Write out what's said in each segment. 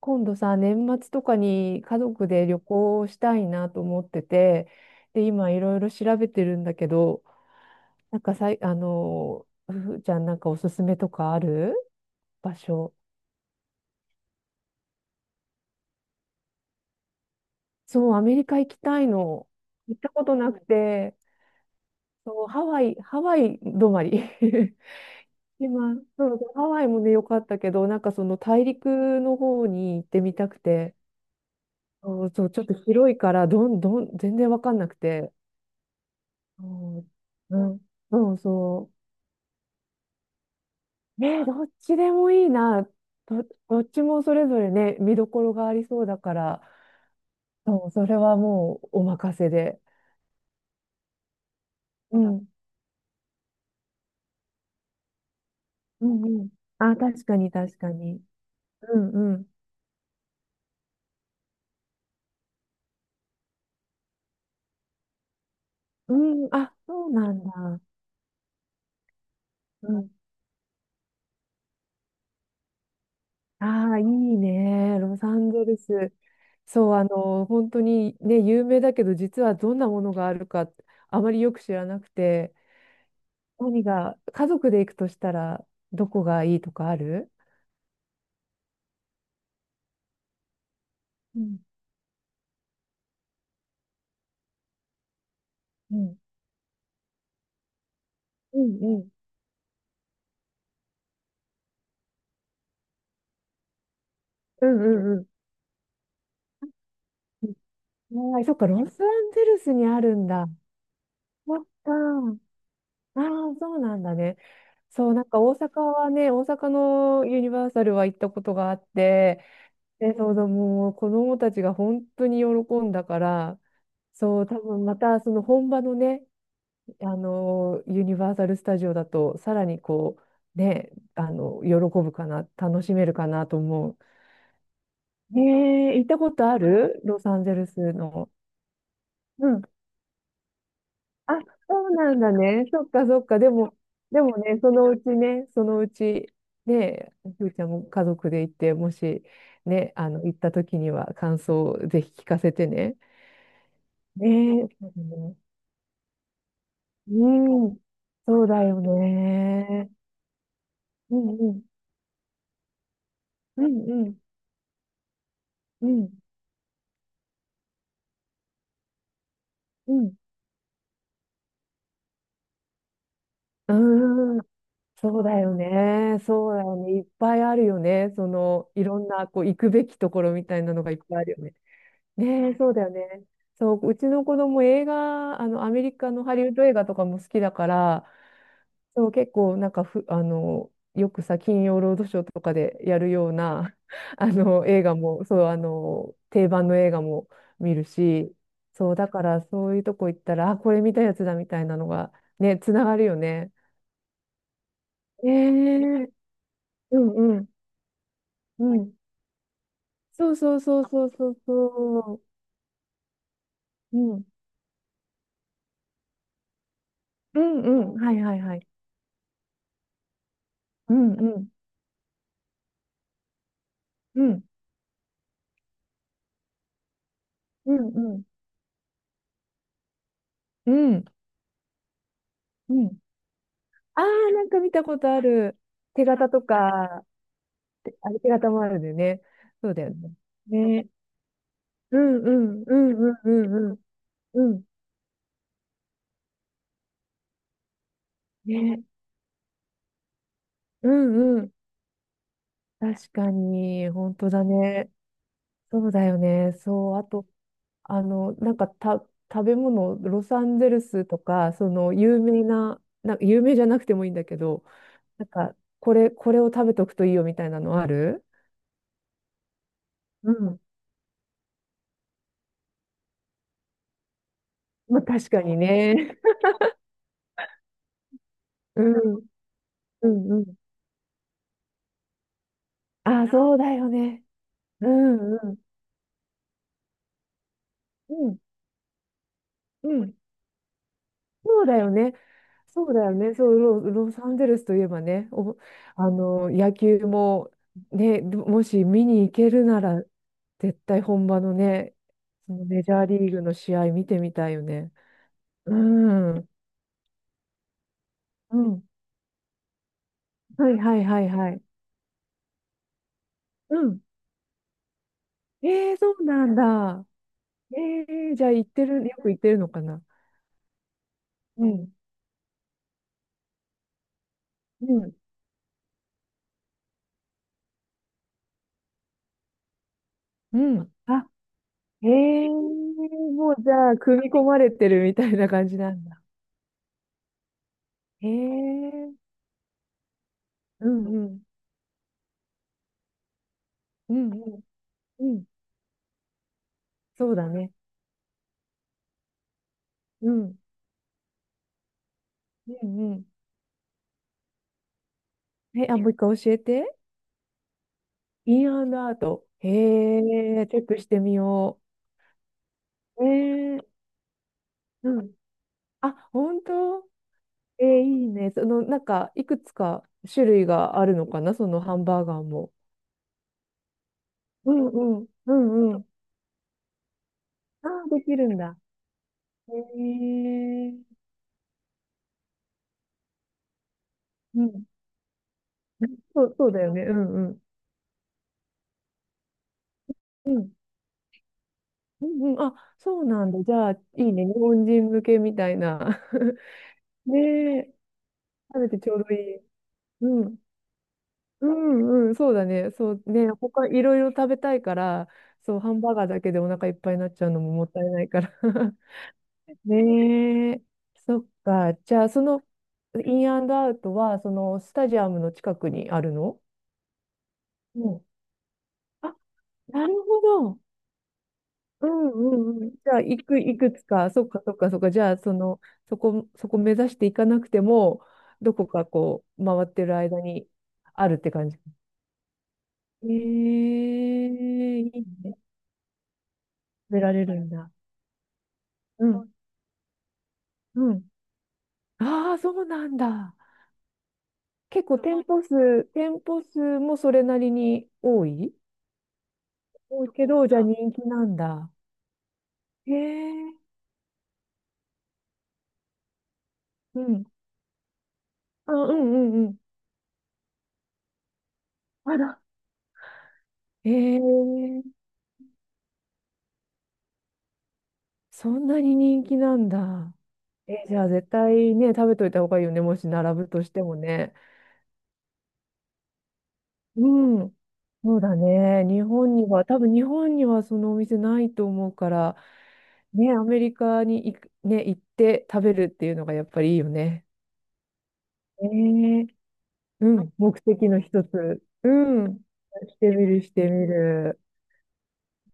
今度さ、年末とかに家族で旅行したいなと思ってて、で、今いろいろ調べてるんだけど、なんかさい、ふふちゃんなんかおすすめとかある場所？そう、アメリカ行きたいの。行ったことなくて、そう、ハワイ、ハワイ止まり。今、そうそう、ハワイもね、良かったけど、なんかその大陸の方に行ってみたくて、そうそう、ちょっと広いから、どんどん、全然わかんなくて。そう、うん、そうそう。ねえ、どっちでもいいな。どっちもそれぞれね、見どころがありそうだから、そう、それはもうお任せで。うん、うん、うん。あ、確かに、確かに。うん、うん。うん、あ、そうなんだ。うん。ああ、いいね。ロサンゼルス。そう、本当にね、有名だけど、実はどんなものがあるか、あまりよく知らなくて、何が、家族で行くとしたら、どこがいいとかある？うん、うん、うん、うん、うん、うんうん。はい、そっか、ロサンゼルスにあるんだ。そっか。ああ、そうなんだね。そう、なんか大阪はね、大阪のユニバーサルは行ったことがあって、で、そうだ、もう子供たちが本当に喜んだから、そう、多分またその本場のね、あの、ユニバーサル・スタジオだと、さらにこう、ね、喜ぶかな、楽しめるかなと思う。ええ、行ったことある？ロサンゼルスの。うん。あ、そうなんだね。そっかそっか。でもね、そのうちね、そのうち、ね、ふーちゃんも家族で行って、もし、ね、行った時には感想をぜひ聞かせてね。ねえ、そうだね。うん、そうだよね。うんうん、うんうん、うん、うん。うーん、そうだよね。そうだよね。いっぱいあるよね。その、いろんな、こう、行くべきところみたいなのがいっぱいあるよね。ねえ、そうだよね。そう、うちの子供映画、アメリカのハリウッド映画とかも好きだから、そう、結構、なんかふ、よくさ、金曜ロードショーとかでやるような、映画も、そう、定番の映画も見るし、そう、だから、そういうとこ行ったら、あ、これ見たやつだみたいなのが、ね、つながるよね。ええ、うんうんうん。そうそうそうそうそうそう。うん。うんうん。はいはいはい。うんうん。うん。うんうん。うん。うん。ああ、なんか見たことある。手形とか、てあれ手形もあるんだよね。そうだよね。ね。うんうんうんうんうんうん。うん。ね。うんうん。確かに、本当だね。そうだよね。そう。あと、なんかた、食べ物、ロサンゼルスとか、その有名な、な、有名じゃなくてもいいんだけど、なんか、これを食べとくといいよみたいなのある？うん。まあ、確かにね。うん、うん、うん。あ、そうだよね。うん、うん、うん、うん。そうだよね。そうだよね、そう、ロサンゼルスといえばね、お、あの野球も、ね、もし見に行けるなら、絶対本場のね、そのメジャーリーグの試合見てみたいよね。うん、うん、はいはいはいはい。うん。そうなんだ。えじゃあ行ってる、よく行ってるのかな？うん、うん、うん。あ、もうじゃあ、組み込まれてるみたいな感じなんだ。えー、うんうん、うんうん。うん、そうだね。うん。うんうん。え、あ、もう一回教えて。インアンドアウト。へえ、チェックしてみよう。ええ、うん。あ、本当？いいね。その、なんか、いくつか種類があるのかな、そのハンバーガーも。うんうん。うんうん。ああ、できるんだ。へえ、うん。そう、そうだよね。うんうん。うん。うんうん。あ、そうなんだ。じゃあ、いいね。日本人向けみたいな。ねえ、食べてちょうどいい。うん。うんうん、そうだね。そうね、他いろいろ食べたいから、そう、ハンバーガーだけでお腹いっぱいになっちゃうのももったいないから。ねえ、そっか。じゃあ、その、インアンドアウトは、その、スタジアムの近くにあるの？うん。あ、なるほど。うんうんうん。じゃあ、いくつか、そっかそっかそっか。じゃあ、その、そこ目指していかなくても、どこかこう、回ってる間にあるって感じ？ええ、いいね。食べられるんだ。うん。うん。ああ、そうなんだ。結構店舗数もそれなりに多いけど、じゃあ人気なんだ。へえ。うん。あ、うんうんうん。あら。へえ。そんなに人気なんだ。え、じゃあ絶対ね、食べといた方がいいよね。もし並ぶとしてもね。うん。そうだね。日本には、多分日本にはそのお店ないと思うから、ね、アメリカに行く、ね、行って食べるっていうのがやっぱりいいよね。ええ、うん。目的の一つ。うん。してみる、してみる。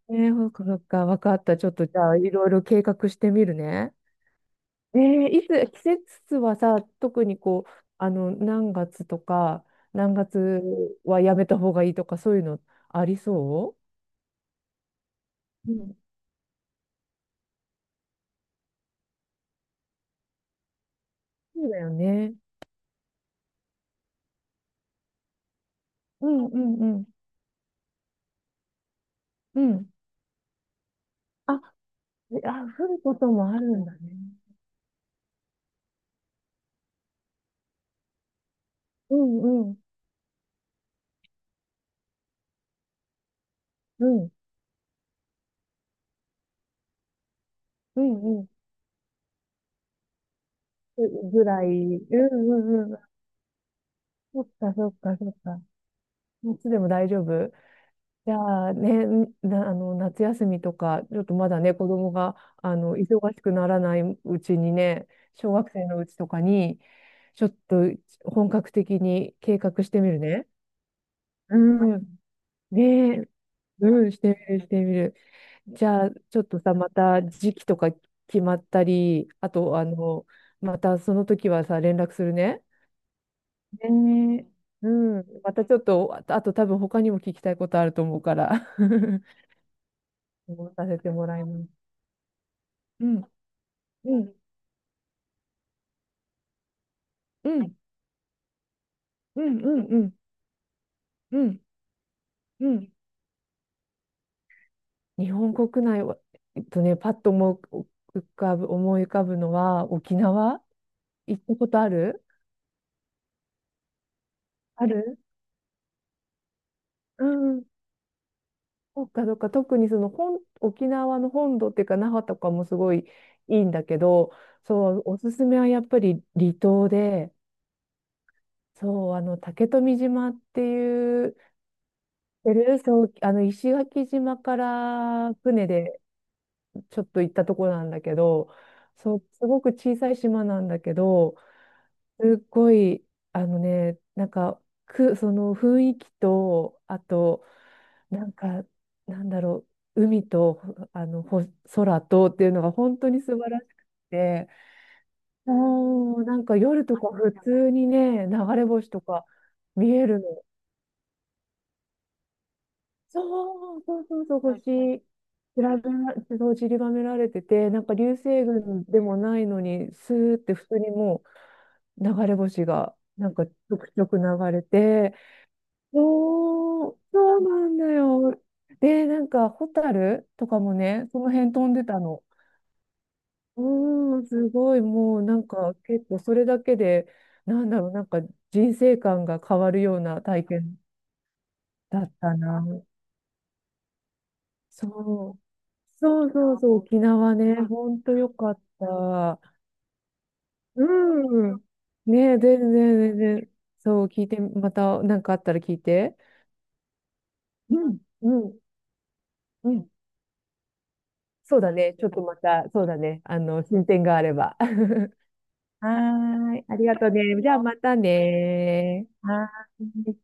ね、そっか、そっか、わかった。ちょっとじゃあ、いろいろ計画してみるね。いつ、季節はさ、特にこう、何月とか、何月はやめた方がいいとか、そういうのありそう？そうだよね。うんうんうん。うん。あ、であ、降ることもあるんだね。うんうん。うん。うんうん。ぐぐらい。うんうんうん。そっかそっかそっか。いつでも大丈夫。じゃあね、な、夏休みとか、ちょっとまだね、子供が、忙しくならないうちにね、小学生のうちとかに、ちょっと本格的に計画してみるね。うん。ねえ。うん、してみる、してみる。じゃあ、ちょっとさ、また時期とか決まったり、あと、またその時はさ、連絡するね。ねえ、うん。またちょっと、あとあと多分他にも聞きたいことあると思うから、思させてもらいます。うん、うん、うん、うん、うん、うん、うん、うん。日本国内は、パッと思う、浮かぶ、思い浮かぶのは、沖縄行ったことある？ある。うん、そっかそっか、特にその本、沖縄の本土っていうか、那覇とかもすごいいいんだけど、そう、おすすめはやっぱり離島で、そう、竹富島っていう、知ってる？そう、石垣島から船でちょっと行ったところなんだけど、そう、すごく小さい島なんだけど、すっごい、あのね、なんか、く、その雰囲気と、あと、なんか、なんだろう、海と、ほ、空とっていうのが本当に素晴らしくて、もう、なんか夜とか普通にね、流れ星とか見えるの。そうそうそうそう、星、散らばそう散りばめられてて、なんか流星群でもないのに、スーって普通にもう流れ星が、なんかちょくちょく流れて、おー、そうなんだよ。で、なんか、ホタルとかもね、その辺飛んでたの。うーん、すごい、もうなんか、結構それだけで、なんだろう、なんか人生観が変わるような体験だったな。そう。そうそうそう、沖縄ね、ほんとよかった。うん。ねえ、全然、全然。そう、聞いて、また、なんかあったら聞いて。うん、うん、うん。そうだね。ちょっとまた、そうだね。進展があれば。はーい。ありがとうね。じゃあまたね。はーい。